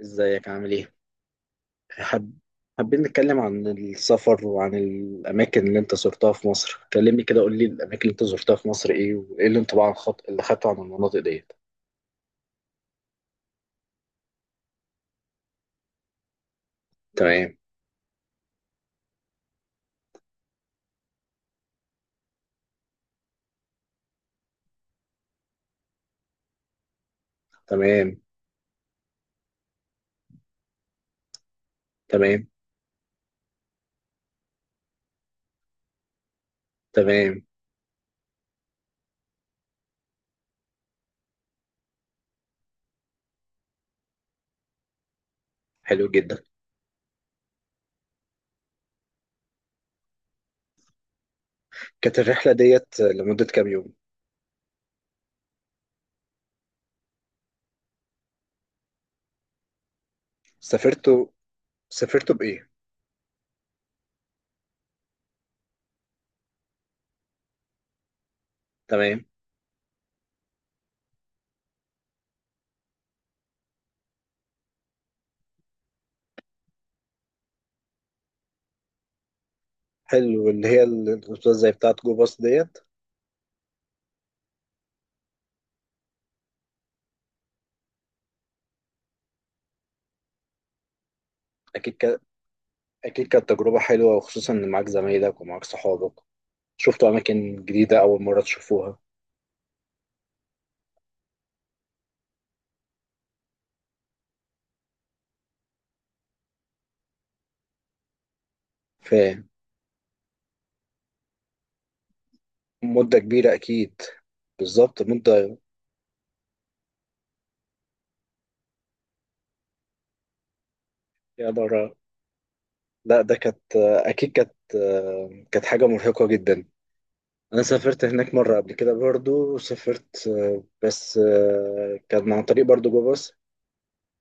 ازيك عامل ايه؟ حب... حابين نتكلم عن السفر وعن الأماكن اللي أنت زرتها في مصر، كلمني كده قول لي الأماكن اللي أنت زرتها في مصر إيه وإيه الانطباع اللي خدته عن المناطق ديت؟ تمام. تمام. تمام. تمام. حلو جدا. كانت الرحلة ديت لمدة كام يوم؟ سافرتوا سافرتوا بإيه؟ تمام. حلو، اللي هي الأوتوبيسات زي بتاعة جو باص ديت. أكيد ك... أكيد كانت تجربة حلوة وخصوصا إن معاك زمايلك ومعاك صحابك، شفتوا أماكن جديدة أول مرة تشوفوها. مدة كبيرة أكيد. بالظبط مدة. يا برا. لا، ده كانت أكيد كانت كانت حاجة مرهقة جدا. أنا سافرت هناك مرة قبل كده، برضو سافرت، بس كان عن طريق برضو جو باص.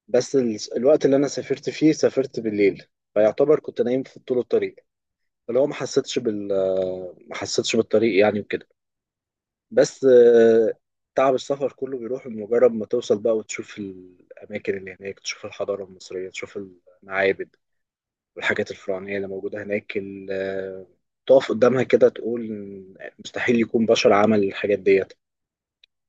بس الوقت اللي أنا سافرت فيه سافرت بالليل، فيعتبر كنت نايم في طول الطريق. فلو ما حسيتش بالطريق يعني وكده. بس تعب السفر كله بيروح مجرد ما توصل بقى وتشوف الأماكن اللي هناك، تشوف الحضارة المصرية، تشوف المعابد والحاجات الفرعونية اللي موجودة هناك. تقف قدامها كده تقول إن مستحيل يكون بشر عمل الحاجات ديت.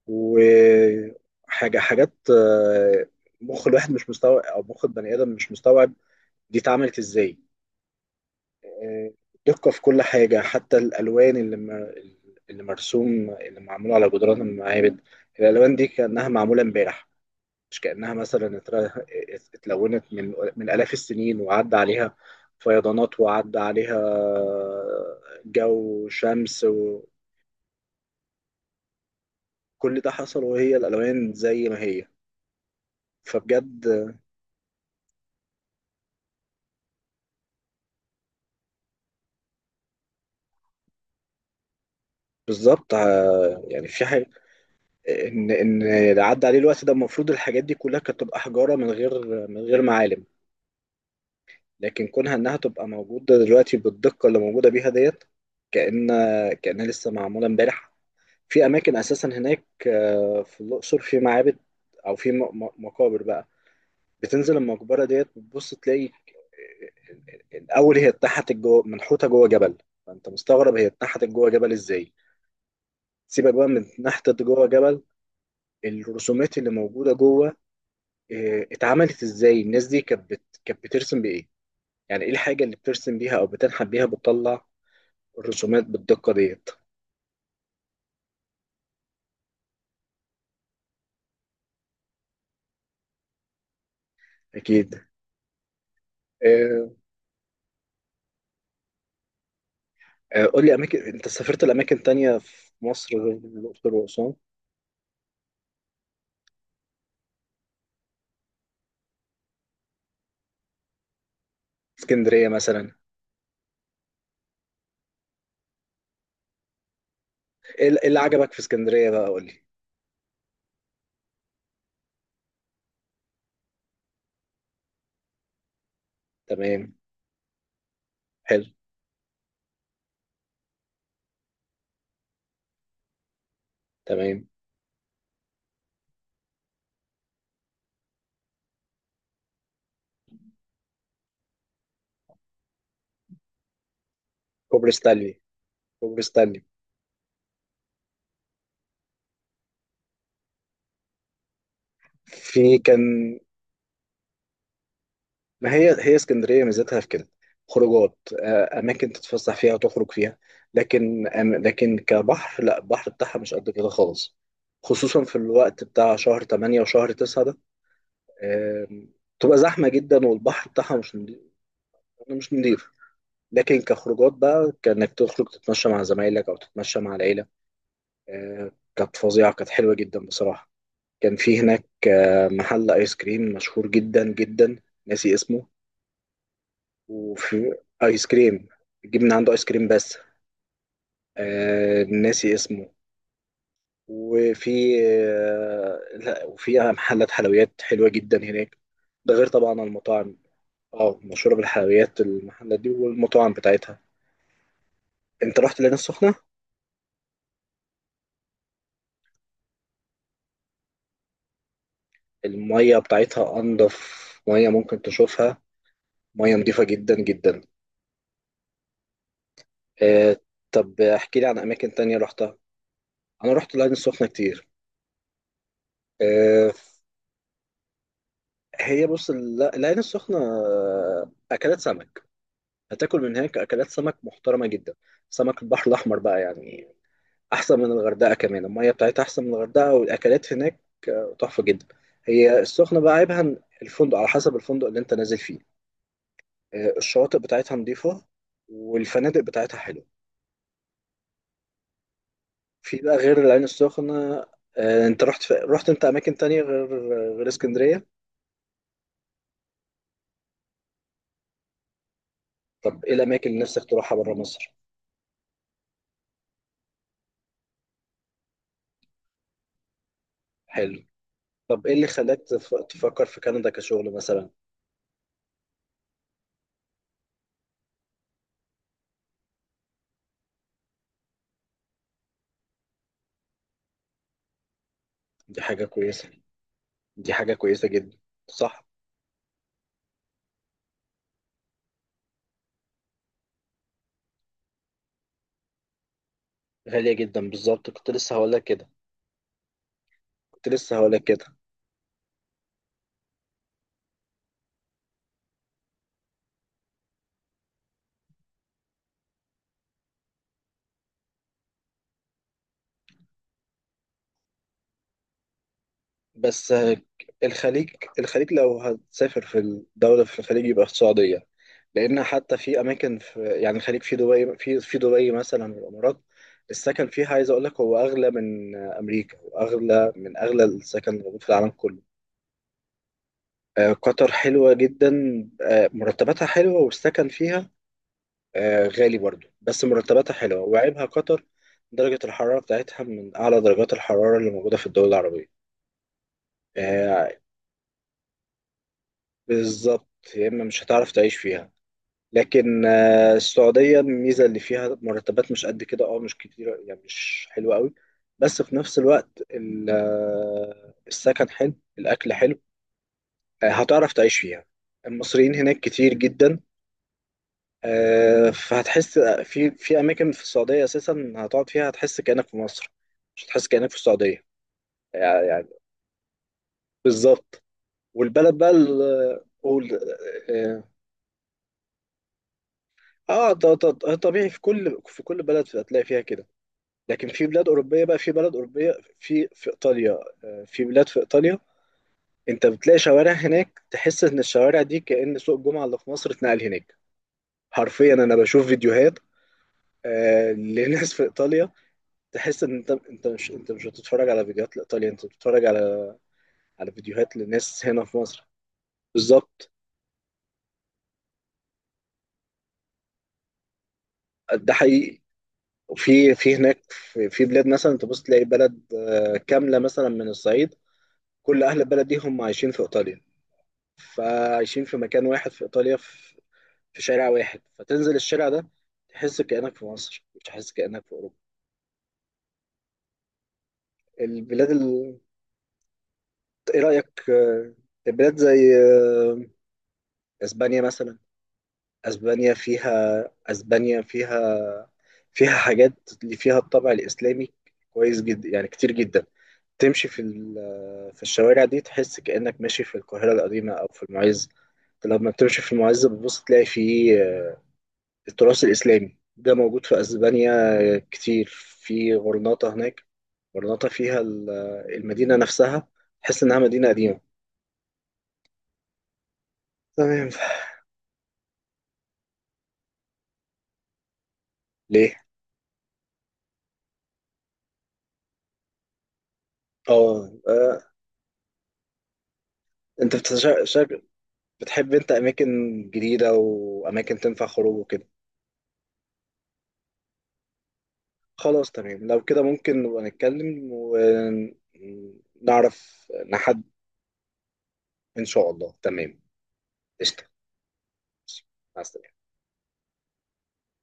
وحاجة حاجات مخ الواحد مش مستوعب، أو مخ البني آدم مش مستوعب دي اتعملت إزاي. آه، دقة في كل حاجة، حتى الألوان اللي مرسوم، اللي معمول على جدران المعابد، الألوان دي كأنها معمولة امبارح، مش كأنها مثلا اتلونت من آلاف السنين وعدى عليها فيضانات وعدى عليها جو، شمس، وكل ده حصل وهي الألوان زي ما هي. فبجد بالظبط. يعني في حاجة، إن اللي عدى عليه الوقت ده، المفروض الحاجات دي كلها كانت تبقى حجارة من غير معالم، لكن كونها إنها تبقى موجودة دلوقتي بالدقة اللي موجودة بيها ديت، كأن كأنها لسه معمولة إمبارح. في اماكن اساسا هناك، في الاقصر في معابد، او في مقابر بقى. بتنزل المقبره ديت بتبص تلاقي الاول هي اتنحتت جوه، منحوته جوه جبل. فانت مستغرب هي اتنحتت جوه جبل ازاي. سيبك بقى من اتنحتت جوه جبل، الرسومات اللي موجوده جوه اتعملت ازاي؟ الناس دي كانت كانت بترسم بايه؟ يعني ايه الحاجه اللي بترسم بيها او بتنحت بيها، بتطلع الرسومات بالدقه ديت. اكيد. آه. قول لي اماكن، انت سافرت لاماكن تانية في مصر غير الاقصر واسوان؟ اسكندريه مثلا. ايه إيه اللي عجبك في اسكندريه بقى، قول لي. تمام. حلو. تمام. كوبري ستانلي. كوبري ستانلي. في كان، ما هي هي اسكندريه ميزتها في كده: خروجات، اماكن تتفسح فيها وتخرج فيها. لكن لكن كبحر لا، البحر بتاعها مش قد كده خالص، خصوصا في الوقت بتاع شهر 8 وشهر 9 ده. آم، تبقى زحمه جدا والبحر بتاعها مش نضيف، مش نضيف. لكن كخروجات بقى، كانك تخرج تتمشى مع زمايلك او تتمشى مع العيله، كانت فظيعه، كانت حلوه جدا بصراحه. كان في هناك محل ايس كريم مشهور جدا جدا، ناسي اسمه. وفي ايس كريم، تجيب من عنده ايس كريم بس. ناسي اسمه. وفي لا، وفي محلات حلويات حلوه جدا هناك. ده غير طبعا المطاعم. اه، مشهوره بالحلويات المحلات دي، والمطاعم بتاعتها. انت رحت العين السخنه؟ المية بتاعتها أنضف، مية ممكن تشوفها مية نضيفة جدا جدا. آه. طب احكي لي عن أماكن تانية رحتها. أنا رحت العين السخنة كتير. آه. هي بص، العين السخنة أكلات سمك. هتاكل من هناك أكلات سمك محترمة جدا، سمك البحر الأحمر بقى يعني، أحسن من الغردقة. كمان المية بتاعتها أحسن من الغردقة، والأكلات هناك تحفة جدا. هي السخنة بقى عيبها إن الفندق على حسب الفندق اللي أنت نازل فيه. الشواطئ بتاعتها نضيفة، والفنادق بتاعتها حلوة. في بقى غير العين السخنة انت رحت رحت انت اماكن تانية غير اسكندرية؟ طب ايه الاماكن اللي نفسك تروحها بره مصر؟ حلو. طب ايه اللي خلاك تفكر في كندا كشغل مثلا؟ دي حاجة كويسة. دي حاجة كويسة جدا. صح. غالية جدا بالظبط، كنت لسه هقول لك كده. كنت لسه هقول لك كده. بس الخليج، الخليج لو هتسافر في الدولة في الخليج يبقى في السعودية. لأن حتى في أماكن في يعني الخليج، في دبي، في دبي مثلا والإمارات، السكن فيها عايز أقول لك هو أغلى من أمريكا، وأغلى من أغلى السكن اللي موجود في العالم كله. قطر حلوة جدا. مرتباتها حلوة، والسكن فيها غالي برضو، بس مرتباتها حلوة. وعيبها قطر، درجة الحرارة بتاعتها من أعلى درجات الحرارة اللي موجودة في الدول العربية. آه، بالظبط. يا اما مش هتعرف تعيش فيها. لكن السعوديه الميزه اللي فيها، مرتبات مش قد كده، اه مش كتيره يعني، مش حلوه قوي، بس في نفس الوقت السكن حلو، الاكل حلو، هتعرف تعيش فيها. المصريين هناك كتير جدا، فهتحس في اماكن في السعوديه اساسا هتقعد فيها هتحس كانك في مصر، مش هتحس كانك في السعوديه. يعني بالظبط. والبلد بقى ال- آه، قول آه، آه، اه، طبيعي في كل في كل بلد هتلاقي فيها كده. لكن في بلاد اوروبيه بقى، في بلد اوروبيه، في ايطاليا، في بلاد في ايطاليا انت بتلاقي شوارع هناك تحس ان الشوارع دي كأن سوق الجمعه اللي في مصر اتنقل هناك. حرفيا انا بشوف فيديوهات لناس في ايطاليا، تحس ان انت مش بتتفرج على فيديوهات لايطاليا، انت بتتفرج على فيديوهات لناس هنا في مصر. بالظبط. ده حقيقي. وفي هناك في بلاد، مثلا تبص تلاقي بلد كامله مثلا من الصعيد، كل اهل البلد دي هم عايشين في ايطاليا، فعايشين في مكان واحد في ايطاليا، في شارع واحد، فتنزل الشارع ده تحس كأنك في مصر، مش تحس كأنك في اوروبا. البلاد ال... ايه رأيك البلاد زي اسبانيا مثلا. اسبانيا فيها فيها حاجات اللي فيها الطابع الاسلامي كويس جدا يعني، كتير جدا. تمشي في في الشوارع دي تحس كأنك ماشي في القاهرة القديمة او في المعز. لما بتمشي في المعز بتبص تلاقي فيه التراث الإسلامي ده موجود في أسبانيا كتير. في غرناطة هناك، غرناطة فيها ال- المدينة نفسها تحس إنها مدينة قديمة. تمام. ليه؟ اه. آه. انت بتحب انت اماكن جديدة واماكن تنفع خروج وكده. خلاص تمام، لو كده ممكن نبقى نتكلم ونعرف نحد. ان شاء الله. تمام. قشطة. مع السلامة.